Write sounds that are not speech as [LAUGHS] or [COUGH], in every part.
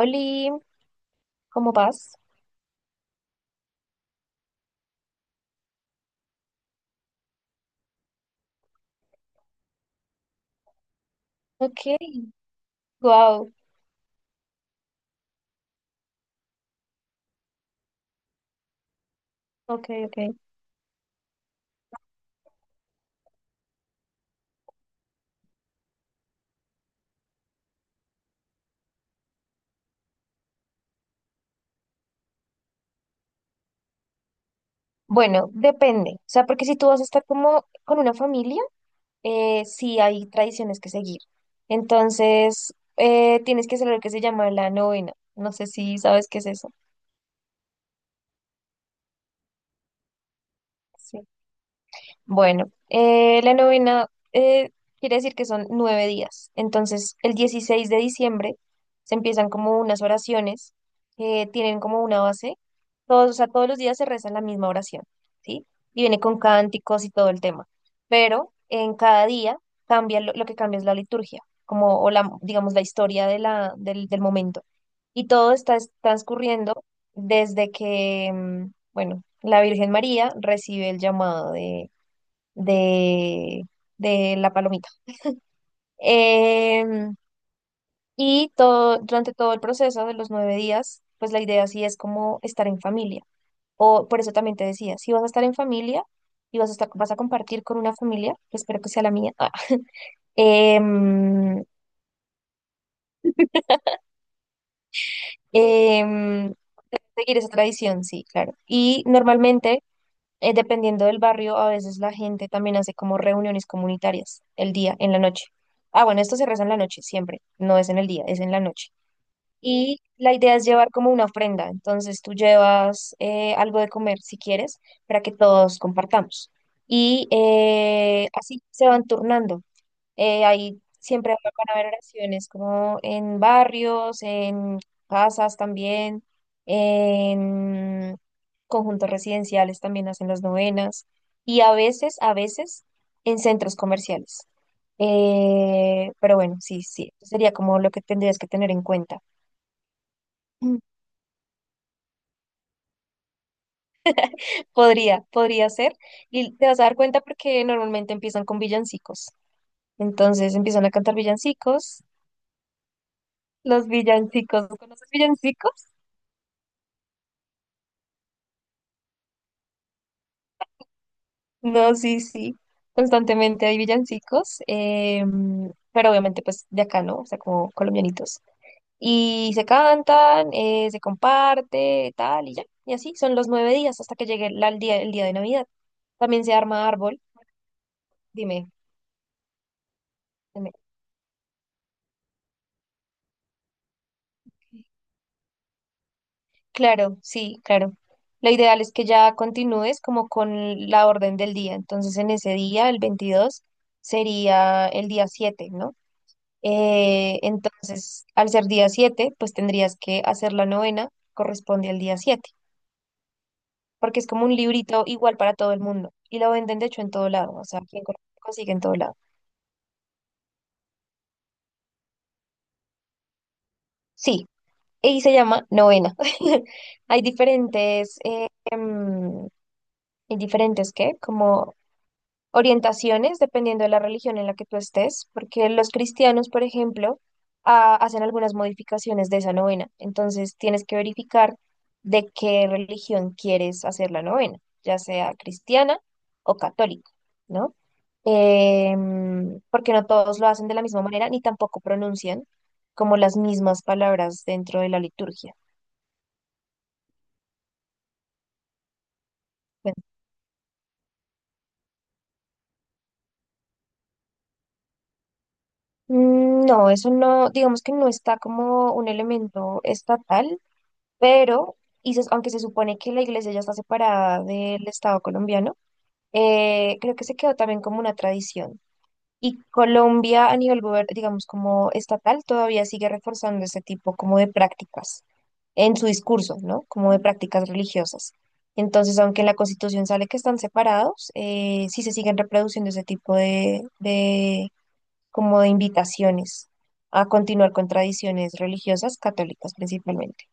Oli, ¿cómo vas? Ok, wow, ok, ok. Bueno, depende, o sea, porque si tú vas a estar como con una familia, sí hay tradiciones que seguir. Entonces, tienes que hacer lo que se llama la novena. No sé si sabes qué es eso. Bueno, la novena eh, quiere decir que son 9 días. Entonces, el 16 de diciembre se empiezan como unas oraciones que tienen como una base. Todos, o sea, todos los días se reza la misma oración, ¿sí? Y viene con cánticos y todo el tema. Pero en cada día cambia lo que cambia es la liturgia, como o la, digamos, la historia del momento. Y todo está transcurriendo desde que, bueno, la Virgen María recibe el llamado de, de la palomita. Em, y todo, durante todo el proceso de los 9 días, pues la idea sí es como estar en familia. O por eso también te decía, si vas a estar en familia y vas a estar, vas a compartir con una familia, que espero que sea la mía, ah, em, em, seguir esa tradición, sí, claro. Y normalmente, dependiendo del barrio, a veces la gente también hace como reuniones comunitarias el día, en la noche. Ah, bueno, esto se reza en la noche, siempre, no es en el día, es en la noche. Y la idea es llevar como una ofrenda. Entonces tú llevas algo de comer si quieres para que todos compartamos. Y así se van turnando. Ahí siempre van a haber oraciones como en barrios, en casas también, en conjuntos residenciales también hacen las novenas y a veces en centros comerciales. Pero bueno, sí, sí, sería como lo que tendrías que tener en cuenta. Podría ser. Y te vas a dar cuenta porque normalmente empiezan con villancicos. Entonces empiezan a cantar villancicos. Los villancicos, ¿conoces villancicos? No, sí, sí. Constantemente hay villancicos. Pero obviamente pues de acá, ¿no? O sea, como colombianitos. Y se cantan, se comparte, tal y ya. Y así son los 9 días hasta que llegue el día, el día de Navidad. También se arma árbol. Dime, dime. Claro, sí, claro. Lo ideal es que ya continúes como con la orden del día. Entonces, en ese día, el 22 sería el día 7, ¿no? Entonces, al ser día 7, pues tendrías que hacer la novena, corresponde al día 7, porque es como un librito igual para todo el mundo. Y lo venden, de hecho, en todo lado. O sea, quien consigue en todo lado. Sí, y se llama novena. [LAUGHS] Hay diferentes, eh, em, hay diferentes, ¿qué? Como orientaciones dependiendo de la religión en la que tú estés, porque los cristianos, por ejemplo, ah, hacen algunas modificaciones de esa novena. Entonces tienes que verificar de qué religión quieres hacer la novena, ya sea cristiana o católica, ¿no? Porque no todos lo hacen de la misma manera ni tampoco pronuncian como las mismas palabras dentro de la liturgia. Bueno, no, eso no, digamos que no está como un elemento estatal, pero aunque se supone que la iglesia ya está separada del Estado colombiano, creo que se quedó también como una tradición. Y Colombia a nivel, digamos, como estatal, todavía sigue reforzando ese tipo como de prácticas en su discurso, ¿no? Como de prácticas religiosas. Entonces, aunque en la Constitución sale que están separados, sí se siguen reproduciendo ese tipo de como de invitaciones a continuar con tradiciones religiosas católicas principalmente.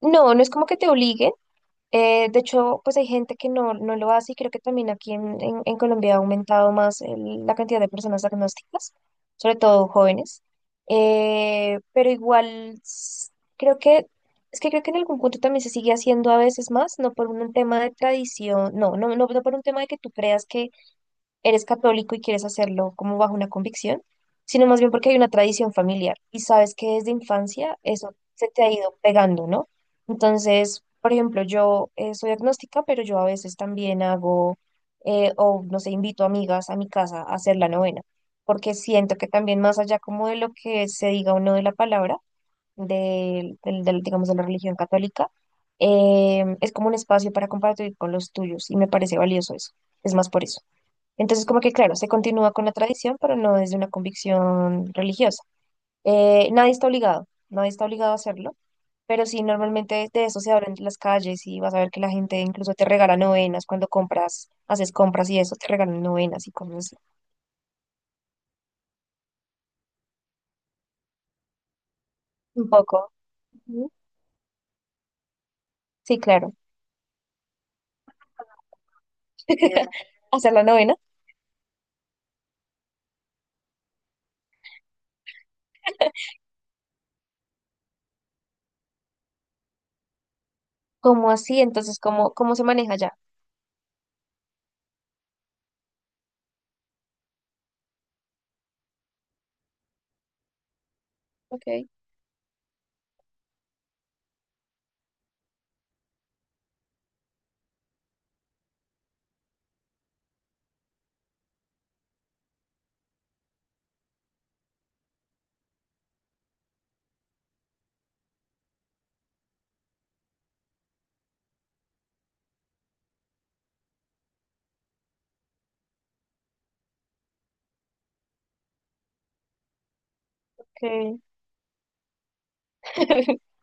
No, no es como que te obliguen. De hecho, pues hay gente que no, no lo hace y creo que también aquí en Colombia ha aumentado más la cantidad de personas diagnósticas, sobre todo jóvenes. Pero igual creo que, es que creo que en algún punto también se sigue haciendo a veces más, no por un tema de tradición, no, no, no, no por un tema de que tú creas que eres católico y quieres hacerlo como bajo una convicción, sino más bien porque hay una tradición familiar y sabes que desde infancia eso se te ha ido pegando, ¿no? Entonces, por ejemplo, yo soy agnóstica, pero yo a veces también hago, o no sé, invito amigas a mi casa a hacer la novena, porque siento que también más allá como de lo que se diga o no de la palabra, del, digamos, de la religión católica, es como un espacio para compartir con los tuyos y me parece valioso eso. Es más por eso. Entonces, como que claro, se continúa con la tradición, pero no desde una convicción religiosa. Nadie está obligado, nadie está obligado a hacerlo, pero sí, normalmente de eso se abren las calles y vas a ver que la gente incluso te regala novenas cuando compras, haces compras y eso, te regalan novenas y cosas así. Un poco. Ujú. Sí, claro. [LAUGHS] Hacer la novena. ¿Cómo así? Entonces, ¿cómo, cómo se maneja ya? Ok, ok, [LAUGHS]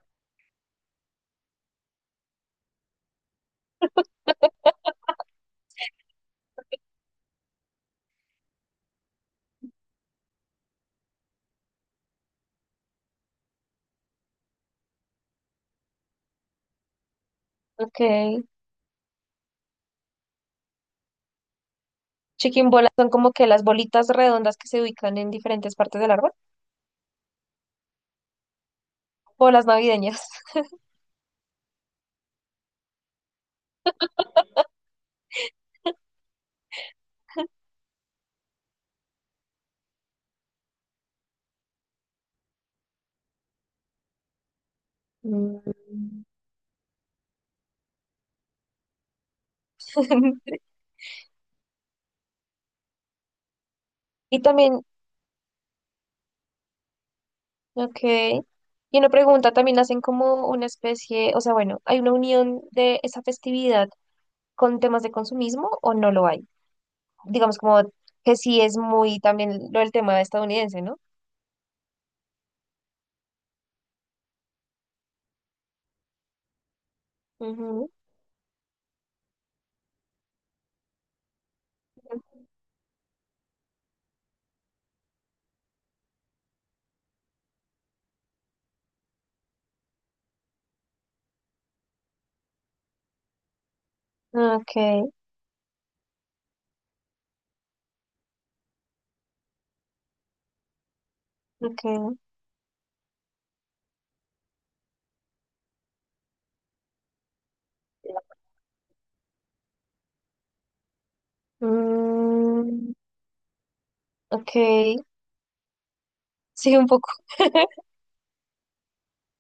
ok. Chiquimbolas son como que las bolitas redondas que se ubican en diferentes partes del árbol. Bolas navideñas. Mm. [LAUGHS] Y también, ok. Y una pregunta, también hacen como una especie, o sea, bueno, ¿hay una unión de esa festividad con temas de consumismo o no lo hay? Digamos como que sí es muy también lo del tema estadounidense, ¿no? Ujú. Okay, okay. Mm, ok, sí, un poco. [LAUGHS]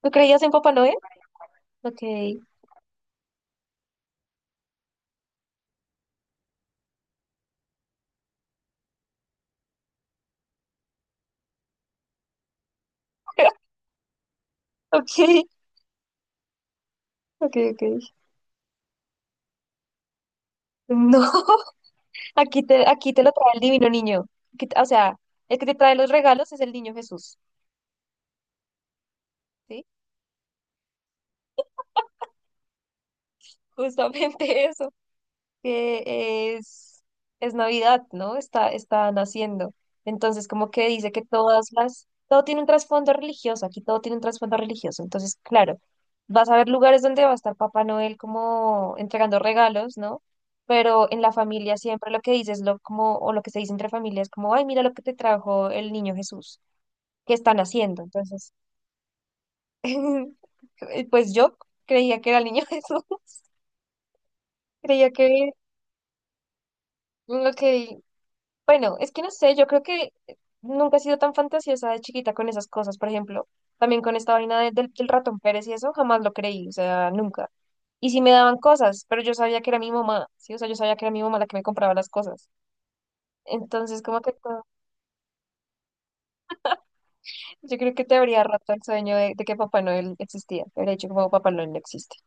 ¿Tú creías en Papá Noel? Okay. [LAUGHS] Okay, okay, okay. No. [LAUGHS] Aquí te lo trae el divino niño. O sea, el que te trae los regalos es el niño Jesús, ¿sí? Justamente [LAUGHS] eso, que es Navidad, ¿no? Está, está naciendo. Entonces, como que dice que todas las, todo tiene un trasfondo religioso, aquí todo tiene un trasfondo religioso. Entonces, claro, vas a ver lugares donde va a estar Papá Noel como entregando regalos, ¿no? Pero en la familia siempre lo que dices, lo, como, o lo que se dice entre familias, como, ay, mira lo que te trajo el niño Jesús que están haciendo. Entonces, [LAUGHS] pues yo creía que era el niño [LAUGHS] Jesús, creía que lo que, bueno, es que no sé, yo creo que nunca he sido tan fantasiosa de chiquita con esas cosas, por ejemplo, también con esta vaina del, del ratón Pérez y eso, jamás lo creí, o sea, nunca. Y sí me daban cosas, pero yo sabía que era mi mamá, sí, o sea, yo sabía que era mi mamá la que me compraba las cosas. Entonces, como que yo creo que te habría roto el sueño de que Papá Noel existía, te habría dicho como Papá Noel no existe.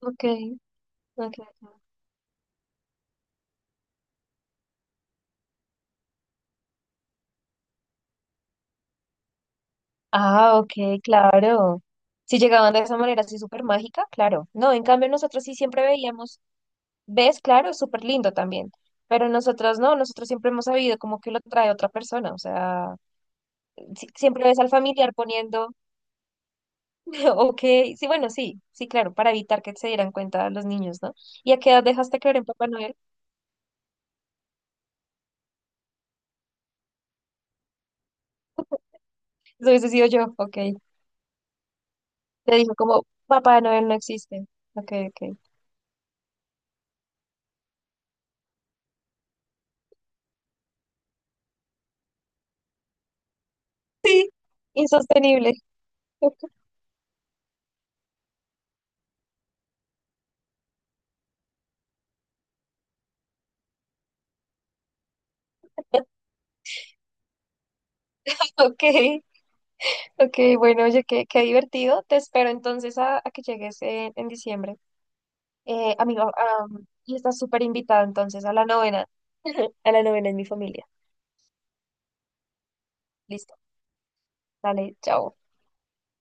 Ok, ok. Ah, ok, claro. Si llegaban de esa manera así súper mágica, claro. No, en cambio nosotros sí siempre veíamos, ves, claro, es súper lindo también, pero nosotros no, nosotros siempre hemos sabido como que lo trae otra persona, o sea, siempre ves al familiar poniendo, [LAUGHS] ok, sí, bueno, sí, sí, claro, para evitar que se dieran cuenta los niños, ¿no? ¿Y a qué edad dejaste creer en Papá Noel? Eso hubiese sido yo, ok. Te dijo como, Papá Noel no existe, ok, ok. Insostenible. [LAUGHS] Ok. Ok, bueno, oye, qué divertido. Te espero entonces a que llegues en diciembre. Amigo, y estás súper invitado entonces a la novena. [LAUGHS] A la novena en mi familia. Listo, dale, chao.